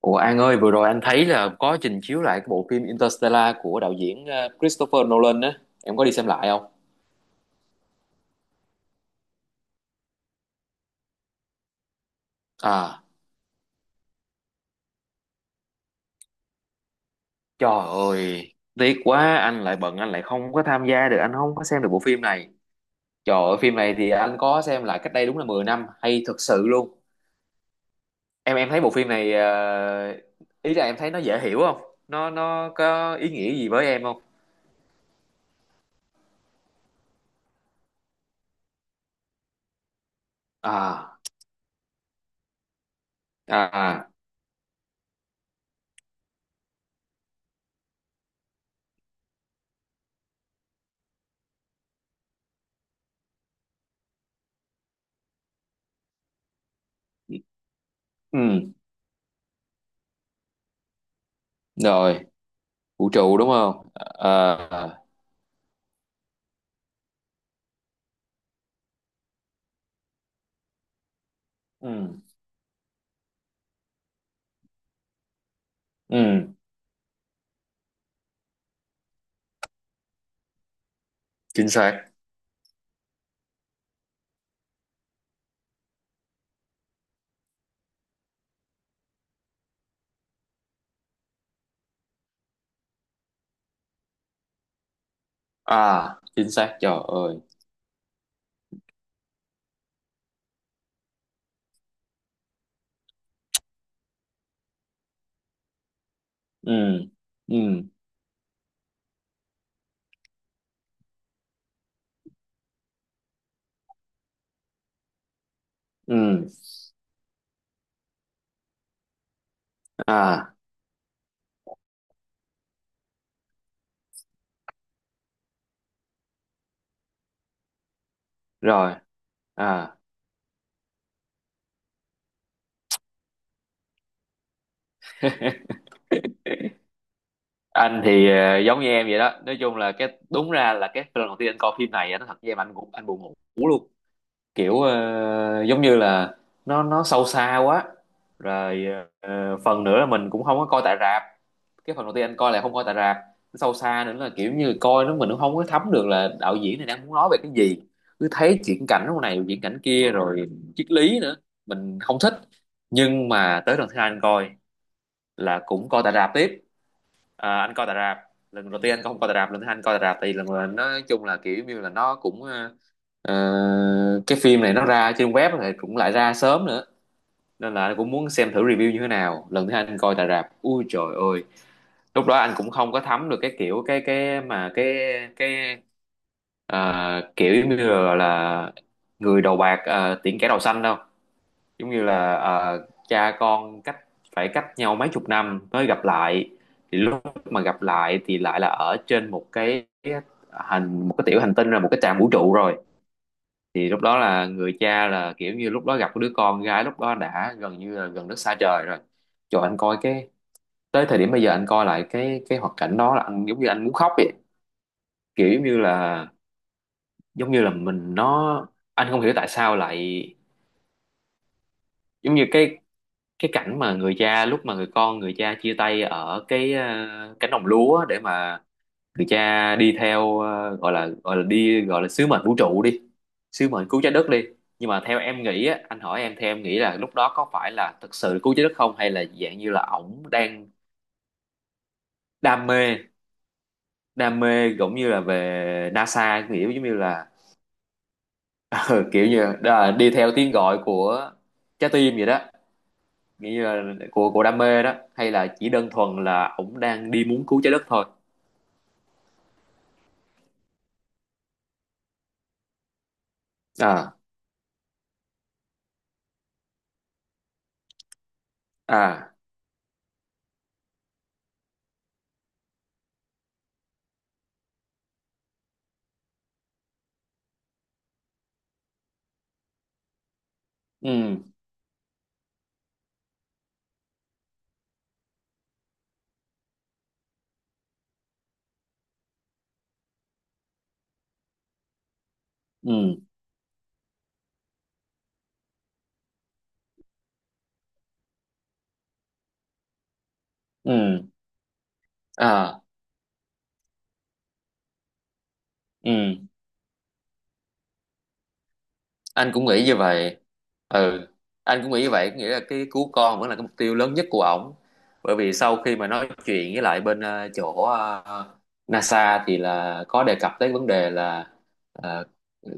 Ủa An ơi, vừa rồi anh thấy là có trình chiếu lại cái bộ phim Interstellar của đạo diễn Christopher Nolan á. Em có đi xem lại không? À, trời ơi, tiếc quá, anh lại bận, anh lại không có tham gia được, anh không có xem được bộ phim này. Trời ơi, phim này thì anh có xem lại cách đây đúng là 10 năm, hay thật sự luôn. Em thấy bộ phim này, ý là em thấy nó dễ hiểu không? Nó có ý nghĩa gì với em không? À, à, à, ừ, rồi, vũ trụ đúng không? À, ừ, ừ, chính xác. À, chính xác trời ơi. Ừ, ừ, ừ, à, rồi, à, anh thì giống như em vậy đó, nói chung là cái đúng ra là cái lần đầu tiên anh coi phim này á, nó thật với em anh cũng anh buồn ngủ luôn, kiểu giống như là nó sâu xa quá rồi. Phần nữa là mình cũng không có coi tại rạp, cái phần đầu tiên anh coi là không coi tại rạp, nó sâu xa nữa là kiểu như coi nó mình cũng không có thấm được là đạo diễn này đang muốn nói về cái gì, cứ thấy chuyển cảnh lúc này chuyển cảnh kia rồi triết lý nữa mình không thích. Nhưng mà tới lần thứ hai anh coi là cũng coi tại rạp tiếp. À, anh coi tại rạp, lần đầu tiên anh không coi tại rạp, lần thứ hai anh coi tại rạp thì lần là nói chung là kiểu như là nó cũng cái phim này nó ra trên web thì cũng lại ra sớm nữa nên là anh cũng muốn xem thử review như thế nào. Lần thứ hai anh coi tại rạp, ui trời ơi, lúc đó anh cũng không có thấm được cái kiểu cái mà cái kiểu giống như là người đầu bạc, tiễn kẻ đầu xanh đâu, giống như là cha con cách, phải cách nhau mấy chục năm mới gặp lại, thì lúc mà gặp lại thì lại là ở trên một cái hành, một cái tiểu hành tinh, là một cái trạm vũ trụ rồi. Thì lúc đó là người cha là kiểu như lúc đó gặp cái đứa con gái lúc đó đã gần như là gần đất xa trời rồi, cho anh coi cái, tới thời điểm bây giờ anh coi lại cái hoạt cảnh đó là anh giống như anh muốn khóc vậy, kiểu giống như là mình nó, anh không hiểu tại sao lại giống như cái cảnh mà người cha lúc mà người con người cha chia tay ở cái cánh đồng lúa để mà người cha đi theo gọi là, gọi là đi, gọi là sứ mệnh vũ trụ đi, sứ mệnh cứu trái đất đi. Nhưng mà theo em nghĩ á, anh hỏi em, theo em nghĩ là lúc đó có phải là thực sự cứu trái đất không hay là dạng như là ổng đang đam mê, đam mê giống như là về NASA, kiểu giống như là ừ, kiểu như là đi theo tiếng gọi của trái tim vậy đó, nghĩa như là của đam mê đó, hay là chỉ đơn thuần là ổng đang đi muốn cứu trái đất thôi. À, à, ừ, ừ, ừ, à, ừ, anh cũng nghĩ như vậy. Ừ, anh cũng nghĩ như vậy, có nghĩa là cái cứu con vẫn là cái mục tiêu lớn nhất của ổng, bởi vì sau khi mà nói chuyện với lại bên chỗ NASA thì là có đề cập tới vấn đề là ờ,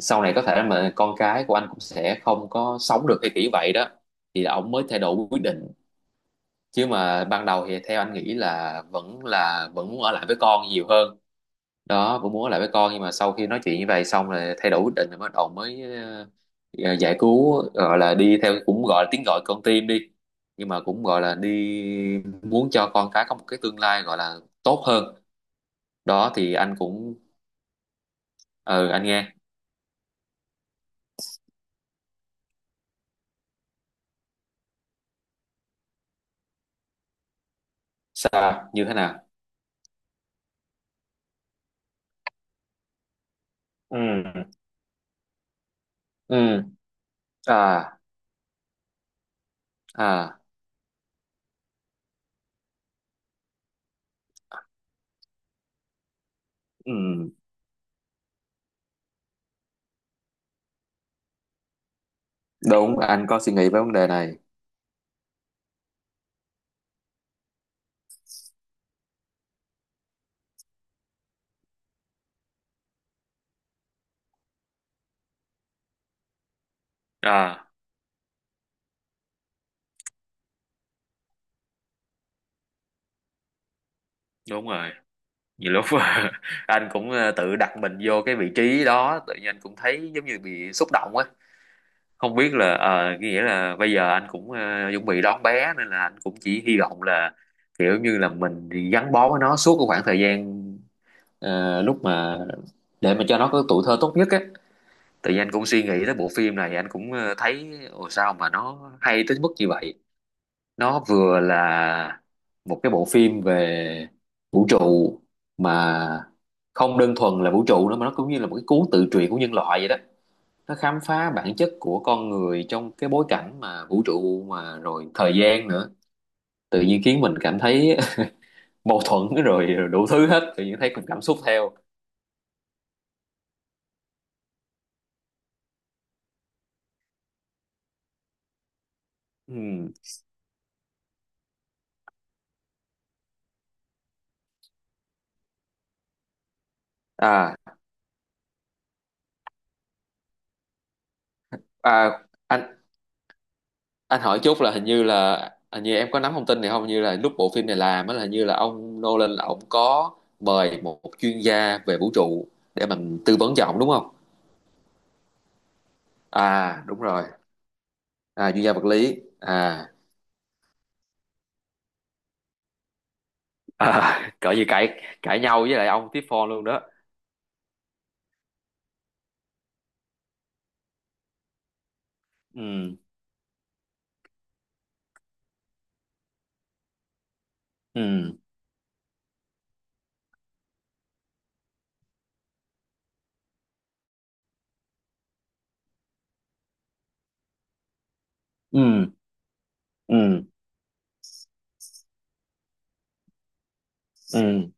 sau này có thể mà con cái của anh cũng sẽ không có sống được hay kiểu vậy đó, thì ổng mới thay đổi quyết định. Chứ mà ban đầu thì theo anh nghĩ là vẫn muốn ở lại với con nhiều hơn, đó cũng muốn ở lại với con, nhưng mà sau khi nói chuyện như vậy xong rồi thay đổi quyết định, rồi bắt đầu mới giải cứu, gọi là đi theo cũng gọi là tiếng gọi con tim đi, nhưng mà cũng gọi là đi muốn cho con cái có một cái tương lai gọi là tốt hơn. Đó thì anh cũng, ừ anh nghe. Sao như thế nào? Ừ, ừ, à, à, ừ, đúng anh có suy nghĩ về vấn đề này. À, đúng rồi. Nhiều lúc anh cũng tự đặt mình vô cái vị trí đó, tự nhiên anh cũng thấy giống như bị xúc động á. Không biết là nghĩa là bây giờ anh cũng chuẩn bị đón bé nên là anh cũng chỉ hy vọng là kiểu như là mình thì gắn bó với nó suốt cái khoảng thời gian lúc mà để mà cho nó có tuổi thơ tốt nhất á. Tự nhiên anh cũng suy nghĩ tới bộ phim này, anh cũng thấy ồ sao mà nó hay tới mức như vậy. Nó vừa là một cái bộ phim về vũ trụ mà không đơn thuần là vũ trụ nữa, mà nó cũng như là một cái cuốn tự truyện của nhân loại vậy đó, nó khám phá bản chất của con người trong cái bối cảnh mà vũ trụ mà rồi thời gian nữa, tự nhiên khiến mình cảm thấy mâu thuẫn rồi, rồi đủ thứ hết, tự nhiên thấy cùng cảm xúc theo. Ừm. À, à, anh anh hỏi chút là hình như em có nắm thông tin này không? Hình như là lúc bộ phim này làm á là hình như là ông Nolan là ông có mời một chuyên gia về vũ trụ để mình tư vấn cho ông đúng không? À đúng rồi. À chuyên gia vật lý à, à cỡ như cãi, cãi nhau với lại ông tiếp phone luôn đó. Ừ, ừ, ừ, ừ, ừ,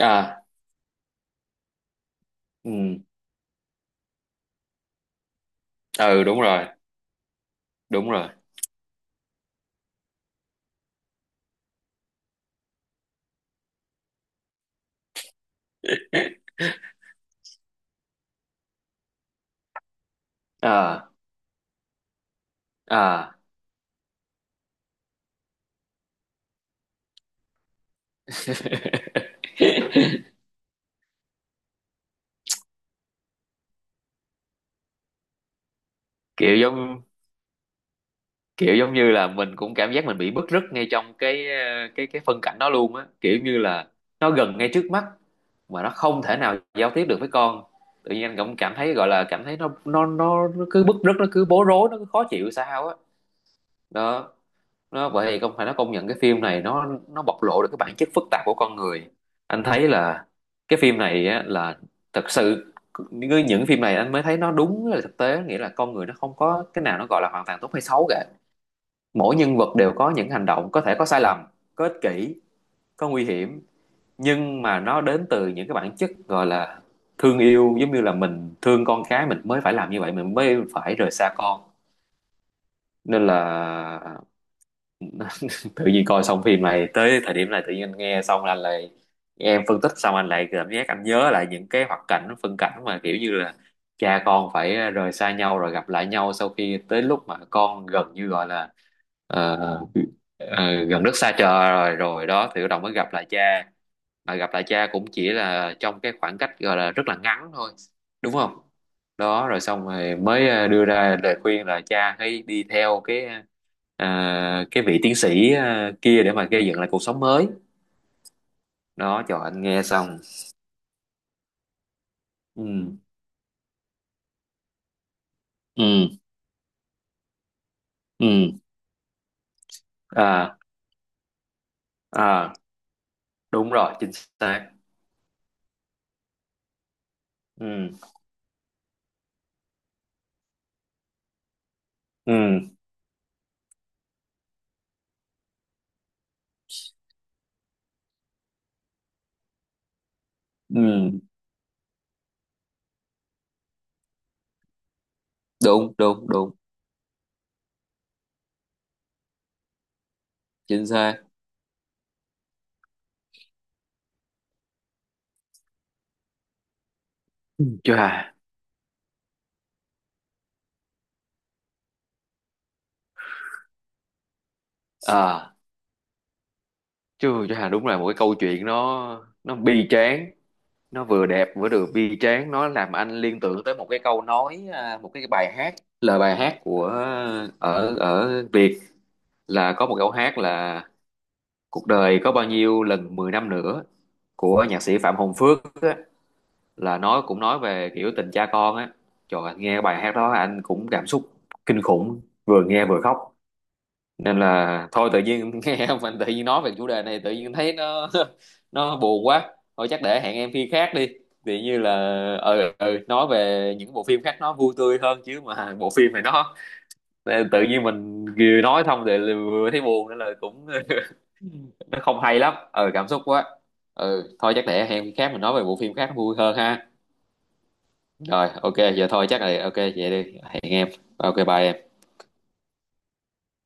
à, ừ, ừ, đúng rồi, đúng rồi. À, à, kiểu giống, kiểu giống như là mình cũng cảm giác mình bị bứt rứt ngay trong cái cái phân cảnh đó luôn á, kiểu như là nó gần ngay trước mắt mà nó không thể nào giao tiếp được với con, tự nhiên anh cũng cảm thấy, gọi là cảm thấy nó cứ bứt rứt, nó cứ bối rối, nó cứ khó chịu sao á. Đó. Nó vậy thì không phải, nó công nhận cái phim này nó bộc lộ được cái bản chất phức tạp của con người. Anh thấy là cái phim này á, là thật sự, những phim này anh mới thấy nó đúng là thực tế, nghĩa là con người nó không có cái nào nó gọi là hoàn toàn tốt hay xấu cả, mỗi nhân vật đều có những hành động có thể có sai lầm, có ích kỷ, có nguy hiểm, nhưng mà nó đến từ những cái bản chất gọi là thương yêu, giống như là mình thương con cái mình mới phải làm như vậy, mình mới phải rời xa con. Nên là tự nhiên coi xong phim này tới thời điểm này, tự nhiên anh nghe xong là anh lại nghe em phân tích xong anh lại cảm giác anh nhớ lại những cái hoạt cảnh phân cảnh mà kiểu như là cha con phải rời xa nhau rồi gặp lại nhau sau khi tới lúc mà con gần như gọi là ờ, gần đất xa trời rồi rồi đó, thì bắt đầu mới gặp lại cha, mà gặp lại cha cũng chỉ là trong cái khoảng cách gọi là rất là ngắn thôi, đúng không? Đó rồi xong rồi mới đưa ra lời khuyên là cha hãy đi theo cái à, cái vị tiến sĩ à, kia để mà gây dựng lại cuộc sống mới. Đó cho anh nghe xong. Ừ, ừ, ừ, à, à, đúng rồi chính xác. Ừ, ừ, ừ, đúng đúng đúng, chính xác. Chà, à, chưa, chà đúng là một cái câu chuyện nó bi tráng, nó vừa đẹp vừa được bi tráng, nó làm anh liên tưởng tới một cái câu nói à, một cái bài hát, lời bài hát của à, ở ở Việt, là có một câu hát là "Cuộc đời có bao nhiêu lần 10 năm nữa" của nhạc sĩ Phạm Hồng Phước á, là nó cũng nói về kiểu tình cha con á. Trời ơi, nghe bài hát đó anh cũng cảm xúc kinh khủng, vừa nghe vừa khóc. Nên là thôi tự nhiên nghe mình tự nhiên nói về chủ đề này tự nhiên thấy nó nó buồn quá. Thôi chắc để hẹn em khi khác đi. Tự như là ừ, ừ nói về những bộ phim khác nó vui tươi hơn, chứ mà bộ phim này nó, tự nhiên mình vừa nói xong thì vừa thấy buồn nên là cũng nó không hay lắm. Ừ cảm xúc quá. Ừ thôi chắc để hẹn khác mình nói về bộ phim khác nó vui hơn ha. Rồi ok giờ thôi chắc là ok vậy đi, hẹn em, ok bye em.